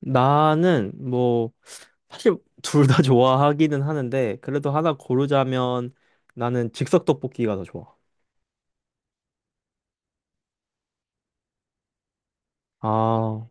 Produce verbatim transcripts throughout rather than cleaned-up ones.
나는 뭐 사실 둘 다 좋아하기는 하는데 그래도 하나 고르자면 나는 즉석 떡볶이가 더 좋아. 아,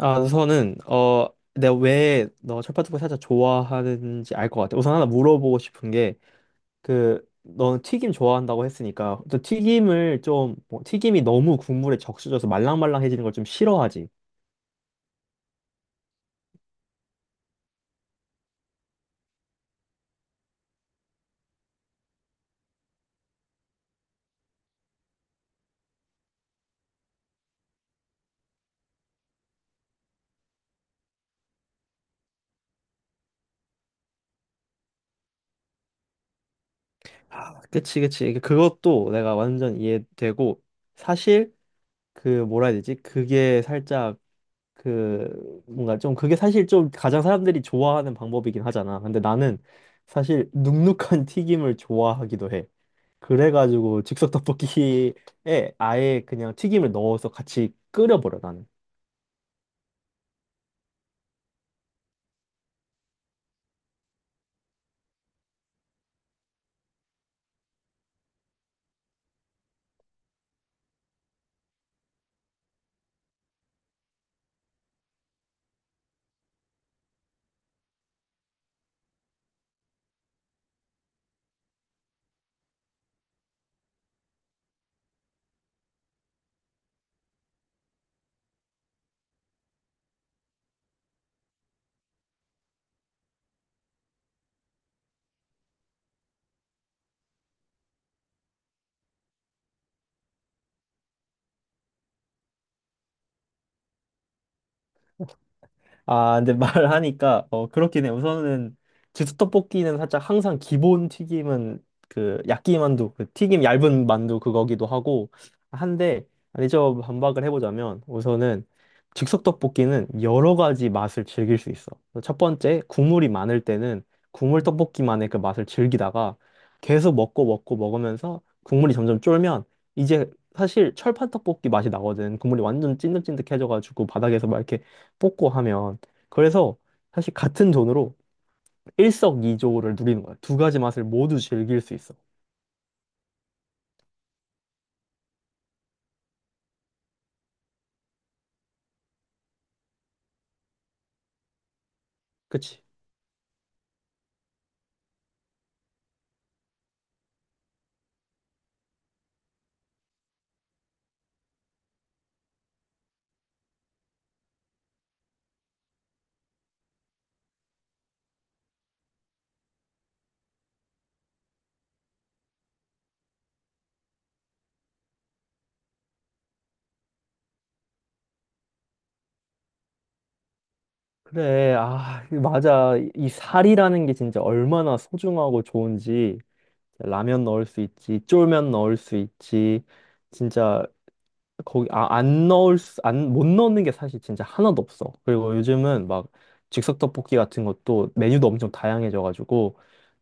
아 우선은 어 내가 왜 너 철밥떡볶이 살짝 좋아하는지 알 것 같아. 우선 하나 물어보고 싶은 게 그너 튀김 좋아한다고 했으니까 너 튀김을 좀뭐 튀김이 너무 국물에 적셔져서 말랑말랑해지는 걸 좀 싫어하지. 아, 그치 그치. 그것도 내가 완전 이해되고 사실 그 뭐라 해야 되지? 그게 살짝 그 뭔가 좀 그게 사실 좀 가장 사람들이 좋아하는 방법이긴 하잖아. 근데 나는 사실 눅눅한 튀김을 좋아하기도 해. 그래가지고 즉석 떡볶이에 아예 그냥 튀김을 넣어서 같이 끓여버려 나는. 아, 근데 말하니까 어 그렇긴 해. 우선은 즉석떡볶이는 살짝 항상 기본 튀김은 그 야끼만두, 그 튀김 얇은 만두 그거기도 하고 한데 아니 저 반박을 해보자면 우선은 즉석떡볶이는 여러 가지 맛을 즐길 수 있어. 첫 번째 국물이 많을 때는 국물 떡볶이만의 그 맛을 즐기다가 계속 먹고 먹고 먹으면서 국물이 점점 쫄면 이제 사실 철판 떡볶이 맛이 나거든. 국물이 완전 찐득찐득해져가지고 바닥에서 막 이렇게 뽑고 하면 그래서 사실 같은 돈으로 일석이조를 누리는 거야. 두 가지 맛을 모두 즐길 수 있어. 그치? 그래, 아, 맞아. 이 살이라는 게 진짜 얼마나 소중하고 좋은지. 라면 넣을 수 있지, 쫄면 넣을 수 있지. 진짜 거기 아, 안 넣을 수, 안, 못 넣는 게 사실 진짜 하나도 없어. 그리고 요즘은 막 즉석 떡볶이 같은 것도 메뉴도 엄청 다양해져가지고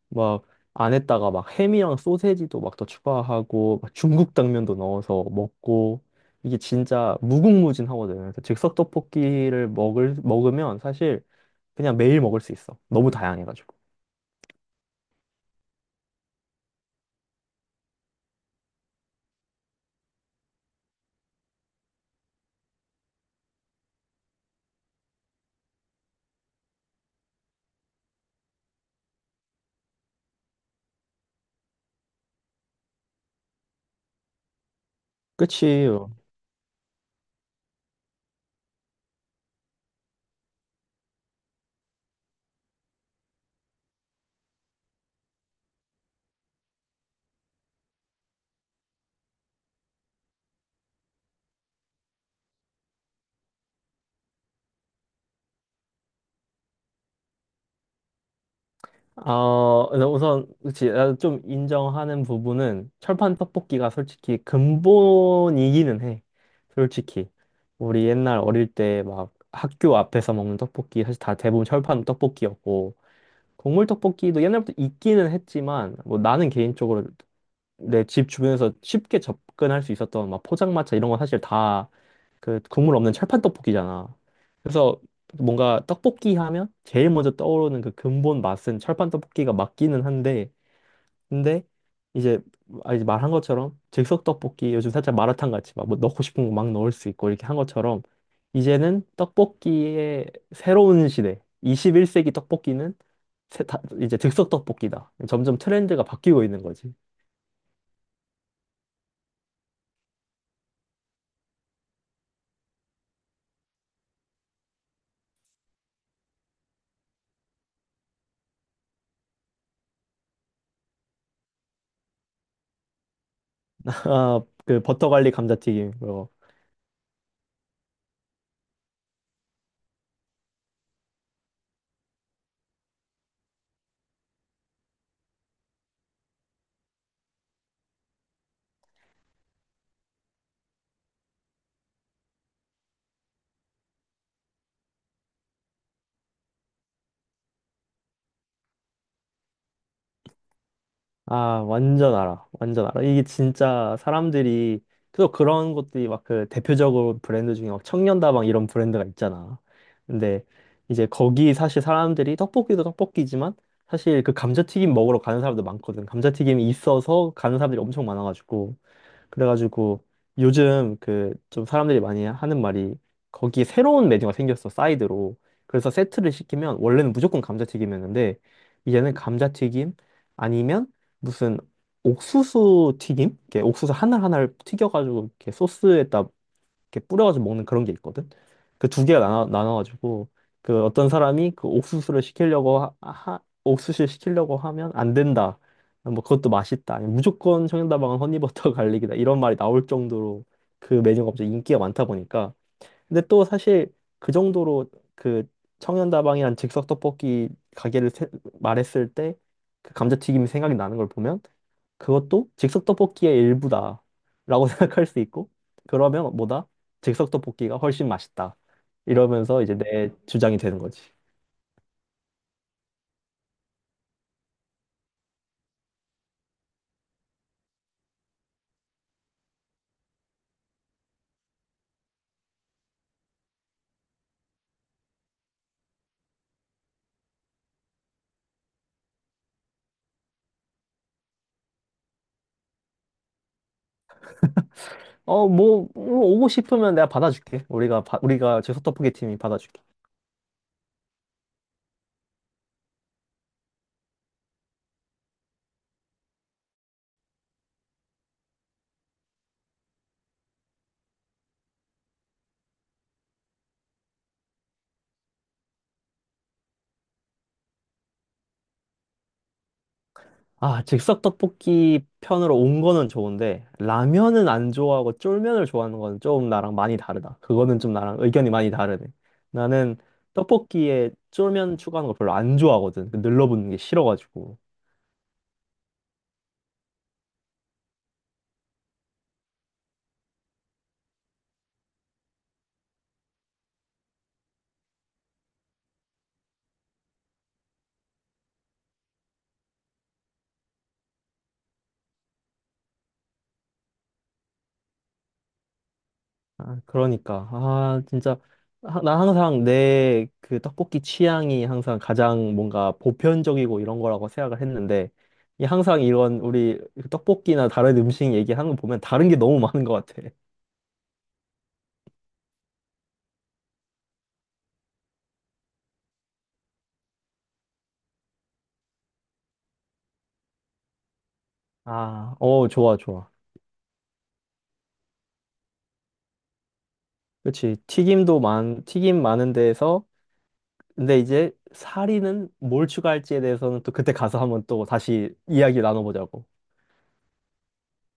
막 안에다가 막 햄이랑 소세지도 막 더 추가하고 막 중국 당면도 넣어서 먹고 이게 진짜 무궁무진하거든요. 그래서 즉석 떡볶이를 먹을 먹으면 사실 그냥 매일 먹을 수 있어. 너무 다양해가지고. 그치. 어, 근데 우선 그치. 나도 좀 인정하는 부분은 철판 떡볶이가 솔직히 근본이기는 해. 솔직히 우리 옛날 어릴 때 막 학교 앞에서 먹는 떡볶이 사실 다 대부분 철판 떡볶이였고. 국물 떡볶이도 옛날부터 있기는 했지만 뭐 나는 개인적으로 내 집 주변에서 쉽게 접근할 수 있었던 막 포장마차 이런 건 사실 다 그 국물 없는 철판 떡볶이잖아. 그래서 뭔가 떡볶이 하면 제일 먼저 떠오르는 그 근본 맛은 철판 떡볶이가 맞기는 한데 근데 이제 아, 이제 말한 것처럼 즉석 떡볶이 요즘 살짝 마라탕 같이 막 뭐 넣고 싶은 거 막 넣을 수 있고 이렇게 한 것처럼 이제는 떡볶이의 새로운 시대 이십일 세기 떡볶이는 새- 다- 이제 즉석 떡볶이다. 점점 트렌드가 바뀌고 있는 거지. 아, 그 버터 갈릭 감자튀김 아, 완전 알아. 완전 알아. 이게 진짜 사람들이, 또 그런 것들이 막 그 대표적으로 브랜드 중에 막 청년다방 이런 브랜드가 있잖아. 근데 이제 거기 사실 사람들이 떡볶이도 떡볶이지만 사실 그 감자튀김 먹으러 가는 사람도 많거든. 감자튀김이 있어서 가는 사람들이 엄청 많아가지고. 그래가지고 요즘 그 좀 사람들이 많이 하는 말이 거기에 새로운 메뉴가 생겼어, 사이드로. 그래서 세트를 시키면 원래는 무조건 감자튀김이었는데 이제는 감자튀김 아니면 무슨 옥수수 튀김? 이렇게 옥수수 하나하나를 튀겨가지고 이렇게 소스에다 이렇게 뿌려가지고 먹는 그런 게 있거든. 그 두 개가 나눠, 나눠가지고 그 어떤 사람이 그 옥수수를 시키려고 하, 하- 옥수수를 시키려고 하면 안 된다. 뭐 그것도 맛있다. 아니면 무조건 청양다방은 허니버터 갈릭이다. 이런 말이 나올 정도로 그 메뉴가 갑자기 인기가 많다 보니까 근데 또 사실 그 정도로 그 청년다방이란 즉석 떡볶이 가게를 세- 말했을 때 그 감자튀김이 생각이 나는 걸 보면 그것도 즉석 떡볶이의 일부다라고 생각할 수 있고 그러면 뭐다? 즉석 떡볶이가 훨씬 맛있다. 이러면서 이제 내 주장이 되는 거지. 어, 뭐, 뭐 오고 싶으면 내가 받아줄게. 우리가 바- 우리가 즉석 떡볶이 팀이 받아줄게. 아, 즉석 떡볶이 편으로 온 거는 좋은데, 라면은 안 좋아하고 쫄면을 좋아하는 건 좀 나랑 많이 다르다. 그거는 좀 나랑 의견이 많이 다르네. 나는 떡볶이에 쫄면 추가하는 걸 별로 안 좋아하거든. 그 늘러붙는 게 싫어가지고. 아, 그러니까. 아, 진짜. 하- 나 항상 내 그 떡볶이 취향이 항상 가장 뭔가 보편적이고 이런 거라고 생각을 했는데, 이 항상 이런 우리 그 떡볶이나 다른 음식 얘기하는 거 보면 다른 게 너무 많은 것 같아. 아, 어, 좋아, 좋아. 그렇지. 튀김도 많, 튀김 많은 데에서, 근데 이제 사리는 뭘 추가할지에 대해서는 또 그때 가서 한번 또 다시 이야기 나눠보자고.